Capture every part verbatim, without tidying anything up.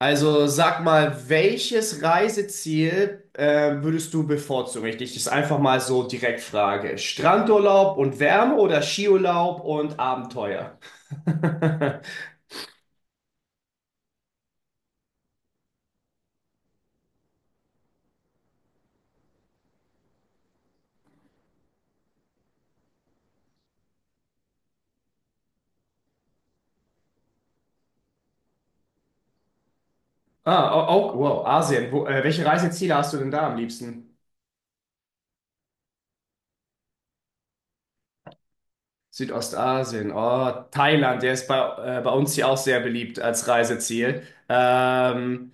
Also sag mal, welches Reiseziel äh, würdest du bevorzugen? Ich dich das einfach mal so direkt frage. Strandurlaub und Wärme oder Skiurlaub und Abenteuer? Ah, oh, oh, wow, Asien. Wo, äh, welche Reiseziele hast du denn da am liebsten? Südostasien. Oh, Thailand, der ist bei, äh, bei uns hier auch sehr beliebt als Reiseziel. Ähm,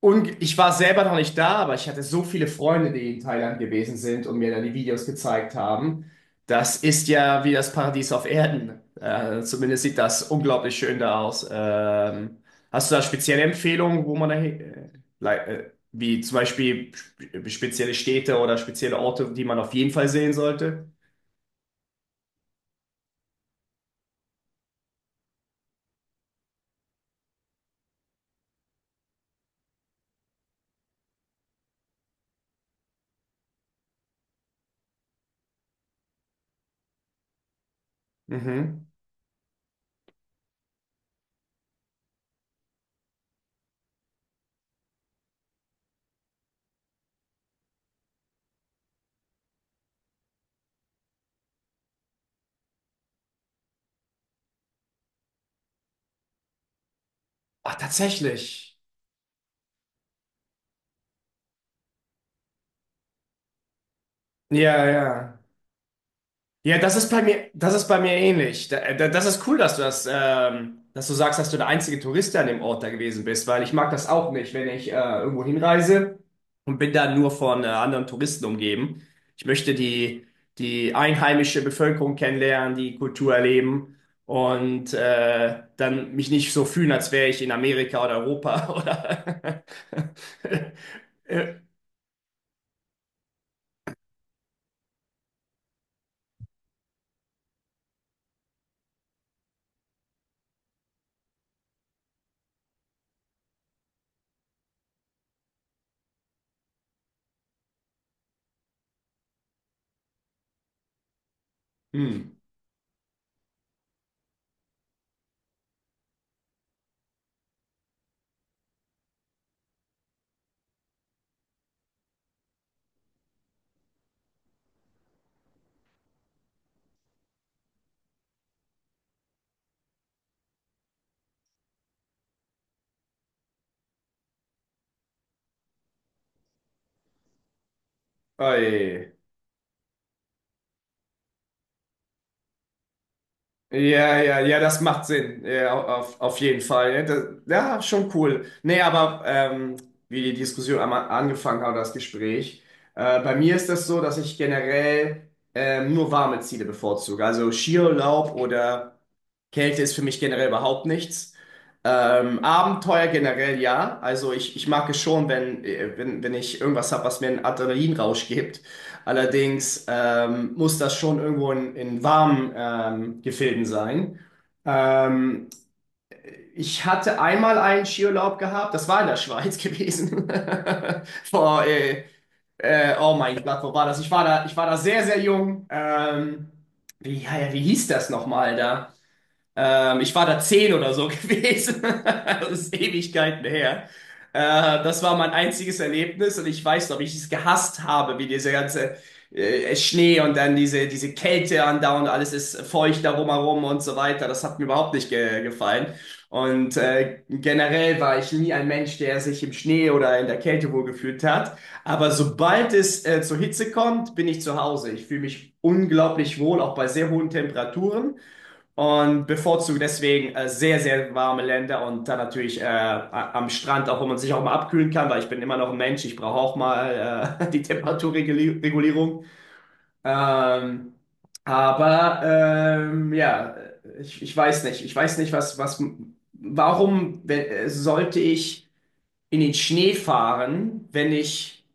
Und ich war selber noch nicht da, aber ich hatte so viele Freunde, die in Thailand gewesen sind und mir dann die Videos gezeigt haben. Das ist ja wie das Paradies auf Erden. Äh, zumindest sieht das unglaublich schön da aus. Ähm, hast du da spezielle Empfehlungen, wo man da, äh, lei- äh, wie zum Beispiel sp- spezielle Städte oder spezielle Orte, die man auf jeden Fall sehen sollte? Mhm. Ach, tatsächlich. Ja, ja. Ja, das ist bei mir, das ist bei mir ähnlich. Da, da, das ist cool, dass du das, ähm, dass du sagst, dass du der einzige Tourist an dem Ort da gewesen bist, weil ich mag das auch nicht, wenn ich äh, irgendwo hinreise und bin dann nur von äh, anderen Touristen umgeben. Ich möchte die, die einheimische Bevölkerung kennenlernen, die Kultur erleben und äh, dann mich nicht so fühlen, als wäre ich in Amerika oder Europa oder. Äh, Hm. Oi. Ja, ja, ja, das macht Sinn. Ja, auf, auf jeden Fall. Ja, das, ja, schon cool. Nee, aber ähm, wie die Diskussion einmal angefangen hat, das Gespräch. Äh, bei mir ist das so, dass ich generell ähm, nur warme Ziele bevorzuge. Also Skiurlaub oder Kälte ist für mich generell überhaupt nichts. Ähm, Abenteuer generell ja. Also ich, ich mag es schon, wenn, äh, wenn, wenn ich irgendwas habe, was mir einen Adrenalinrausch gibt. Allerdings ähm, muss das schon irgendwo in, in warmen ähm, Gefilden sein. Ähm, Ich hatte einmal einen Skiurlaub gehabt, das war in der Schweiz gewesen. Vor, äh, äh, oh mein Gott, wo war das? Ich war da, ich war da sehr, sehr jung. Ähm, wie, ja, ja, wie hieß das nochmal da? Ähm, ich war da zehn oder so gewesen. Das ist Ewigkeiten her. Äh, das war mein einziges Erlebnis und ich weiß noch, wie ich es gehasst habe, wie dieser ganze äh, Schnee und dann diese, diese Kälte andauernd, alles ist feucht darum herum und so weiter. Das hat mir überhaupt nicht ge gefallen. Und äh, generell war ich nie ein Mensch, der sich im Schnee oder in der Kälte wohlgefühlt hat. Aber sobald es äh, zur Hitze kommt, bin ich zu Hause. Ich fühle mich unglaublich wohl, auch bei sehr hohen Temperaturen und bevorzuge deswegen äh, sehr, sehr warme Länder und dann natürlich äh, a- am Strand, auch wo man sich auch mal abkühlen kann, weil ich bin immer noch ein Mensch, ich brauche auch mal äh, die Temperaturregulierung. Ähm, aber ähm, ja, ich, ich weiß nicht, ich weiß nicht, was, was, warum we- äh, sollte ich in den Schnee fahren, wenn ich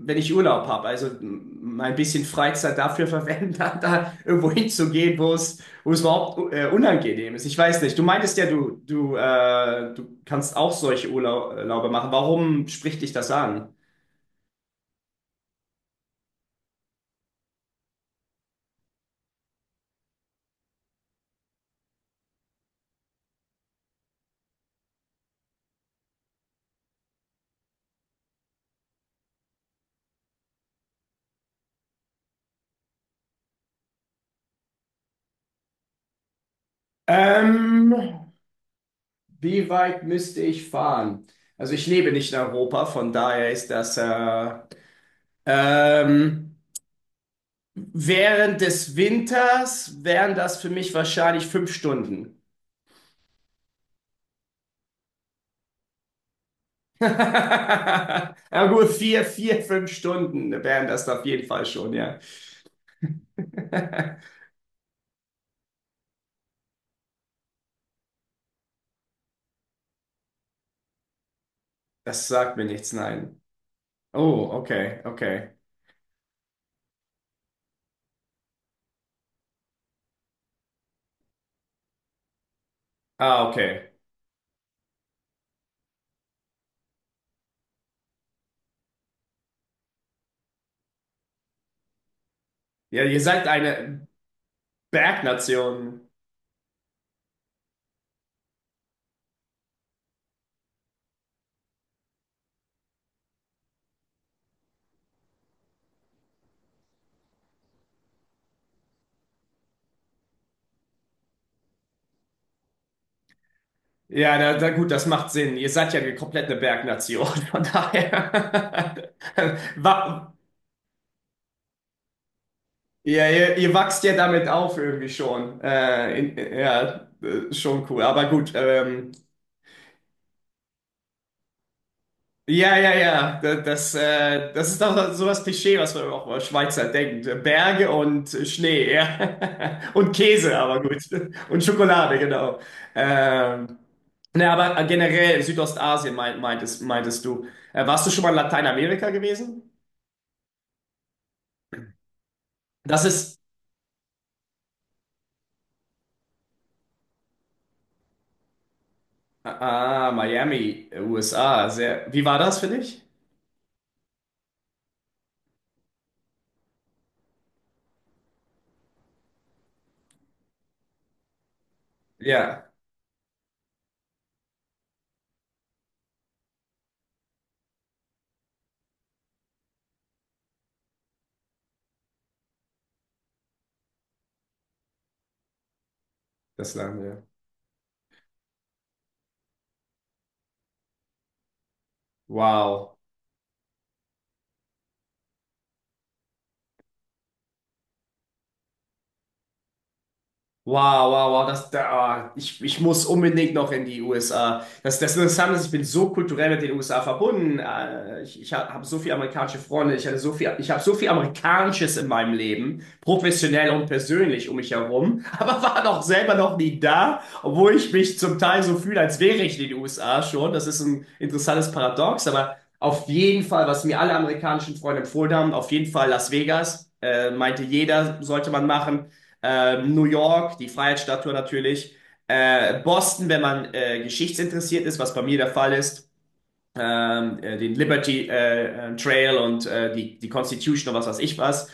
wenn ich Urlaub habe, also m- mein bisschen Freizeit dafür verwenden, da, da irgendwo hinzugehen, wo es, wo es überhaupt äh, unangenehm ist. Ich weiß nicht. Du meintest ja, du, du, äh, du kannst auch solche Urlau- Urlaube machen. Warum spricht dich das an? Ähm, Wie weit müsste ich fahren? Also ich lebe nicht in Europa, von daher ist das äh, ähm, während des Winters wären das für mich wahrscheinlich fünf Stunden. Ja gut, vier, vier, fünf Stunden wären das auf jeden Fall schon, ja. Das sagt mir nichts, nein. Oh, okay, okay. Ah, okay. Ja, ihr seid eine Bergnation. Ja, na, na gut, das macht Sinn. Ihr seid ja eine komplette Bergnation, von daher. Wa- Ja, ihr, ihr wachst ja damit auf irgendwie schon. Äh, in, ja, äh, schon cool. Aber gut, ähm, ja, ja, ja. Da- Das, äh, das ist doch so das Klischee, was man auch über Schweizer denkt. Berge und Schnee, ja. Und Käse, aber gut. Und Schokolade, genau. Ähm, ne, aber generell Südostasien meint, meintest, meintest du. Äh, warst du schon mal in Lateinamerika gewesen? Das ist, ah, Miami, U S A. Sehr, wie war das für dich? Ja, das Land, ja. Wow. Wow, wow, wow, das, da, ah, ich, ich muss unbedingt noch in die U S A. Das, das Interessante ist, ich bin so kulturell mit den U S A verbunden. Äh, Ich, ich habe so viele amerikanische Freunde, ich hatte so viel, ich habe so viel Amerikanisches in meinem Leben, professionell und persönlich um mich herum, aber war doch selber noch nie da, obwohl ich mich zum Teil so fühle, als wäre ich in den U S A schon. Das ist ein interessantes Paradox, aber auf jeden Fall, was mir alle amerikanischen Freunde empfohlen haben, auf jeden Fall Las Vegas, äh, meinte jeder, sollte man machen, ähm, New York, die Freiheitsstatue natürlich, äh, Boston, wenn man äh, geschichtsinteressiert ist, was bei mir der Fall ist, ähm, äh, den Liberty äh, äh, Trail und äh, die, die Constitution und was weiß ich was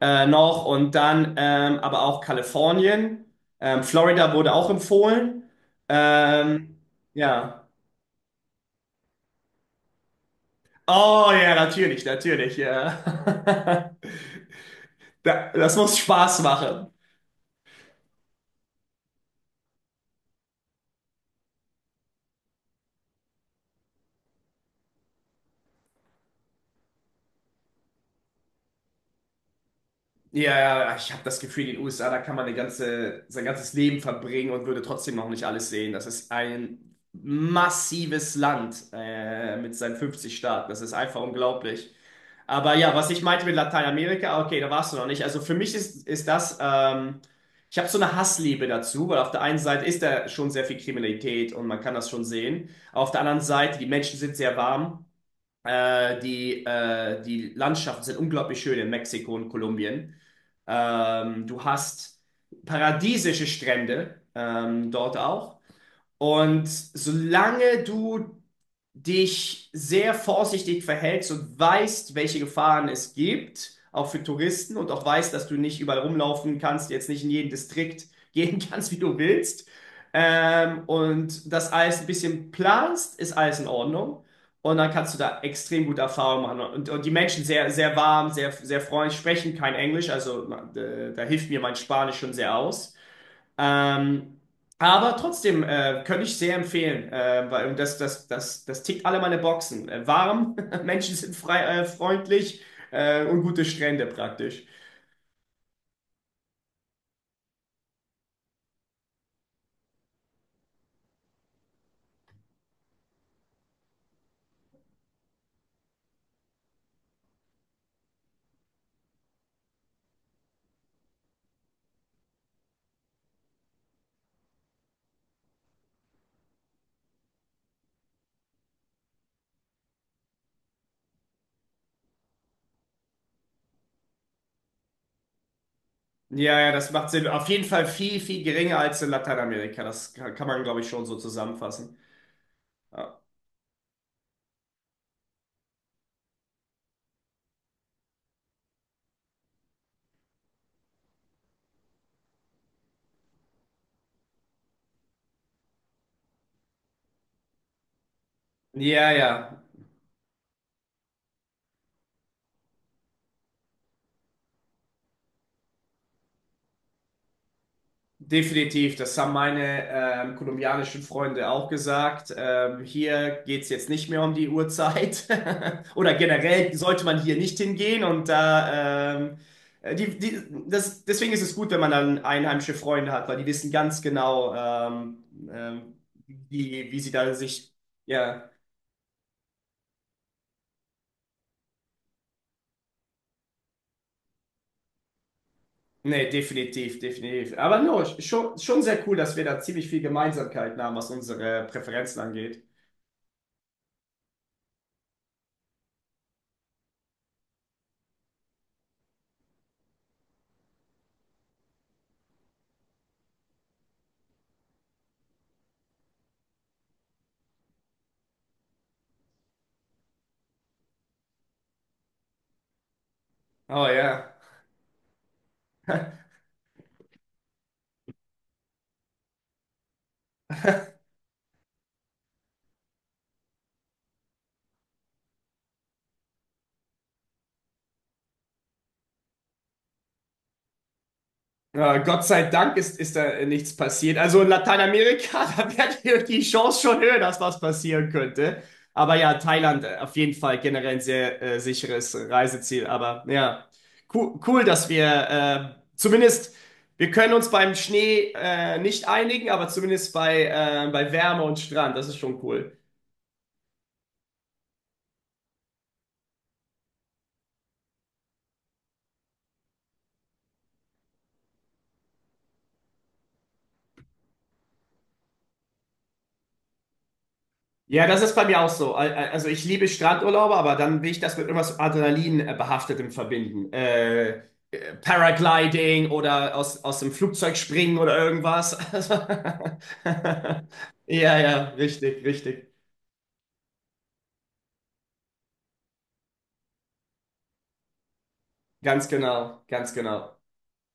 äh, noch und dann ähm, aber auch Kalifornien. Ähm, Florida wurde auch empfohlen. Ähm, ja. Oh ja, natürlich, natürlich, ja. Da- Das muss Spaß machen. Ja, ja, ich habe das Gefühl, in den U S A, da kann man eine ganze, sein ganzes Leben verbringen und würde trotzdem noch nicht alles sehen. Das ist ein massives Land äh, mit seinen fünfzig Staaten. Das ist einfach unglaublich. Aber ja, was ich meinte mit Lateinamerika, okay, da warst du noch nicht. Also für mich ist, ist das, ähm, ich habe so eine Hassliebe dazu, weil auf der einen Seite ist da schon sehr viel Kriminalität und man kann das schon sehen. Auf der anderen Seite, die Menschen sind sehr warm. Äh, die, äh, die Landschaften sind unglaublich schön in Mexiko und Kolumbien. Ähm, du hast paradiesische Strände ähm, dort auch. Und solange du dich sehr vorsichtig verhältst und weißt, welche Gefahren es gibt, auch für Touristen und auch weißt, dass du nicht überall rumlaufen kannst, jetzt nicht in jeden Distrikt gehen kannst, wie du willst, ähm, und das alles ein bisschen planst, ist alles in Ordnung. Und dann kannst du da extrem gute Erfahrungen machen. Und, und die Menschen sehr, sehr warm, sehr, sehr freundlich, sprechen kein Englisch, also äh, da hilft mir mein Spanisch schon sehr aus. Ähm, aber trotzdem äh, könnte ich sehr empfehlen, äh, weil und das, das, das, das tickt alle meine Boxen. Äh, warm, Menschen sind frei, äh, freundlich äh, und gute Strände praktisch. Ja, ja, das macht Sinn. Auf jeden Fall viel, viel geringer als in Lateinamerika. Das kann kann man, glaube ich, schon so zusammenfassen. Ja, ja, ja. Definitiv, das haben meine ähm, kolumbianischen Freunde auch gesagt. Ähm, hier geht's jetzt nicht mehr um die Uhrzeit. Oder generell sollte man hier nicht hingehen und da ähm, äh, die, die, das, deswegen ist es gut, wenn man dann einheimische Freunde hat, weil die wissen ganz genau, ähm, ähm, wie, wie sie da sich. Ja, nee, definitiv, definitiv. Aber no, schon, schon sehr cool, dass wir da ziemlich viel Gemeinsamkeiten haben, was unsere Präferenzen angeht. Oh ja. Äh, Gott sei Dank ist, ist da nichts passiert. Also in Lateinamerika, da wäre die Chance schon höher, dass was passieren könnte. Aber ja, Thailand äh, auf jeden Fall generell ein sehr äh, sicheres Reiseziel. Aber ja, cool, cool, dass wir äh, zumindest, wir können uns beim Schnee äh, nicht einigen, aber zumindest bei, äh, bei Wärme und Strand, das ist schon cool. Ja, das ist bei mir auch so. Al- al- Also ich liebe Strandurlaube, aber dann will ich das mit irgendwas Adrenalin äh, behaftetem verbinden. Äh, äh, Paragliding oder aus, aus dem Flugzeug springen oder irgendwas. Also, ja, ja, richtig, richtig. Ganz genau, ganz genau.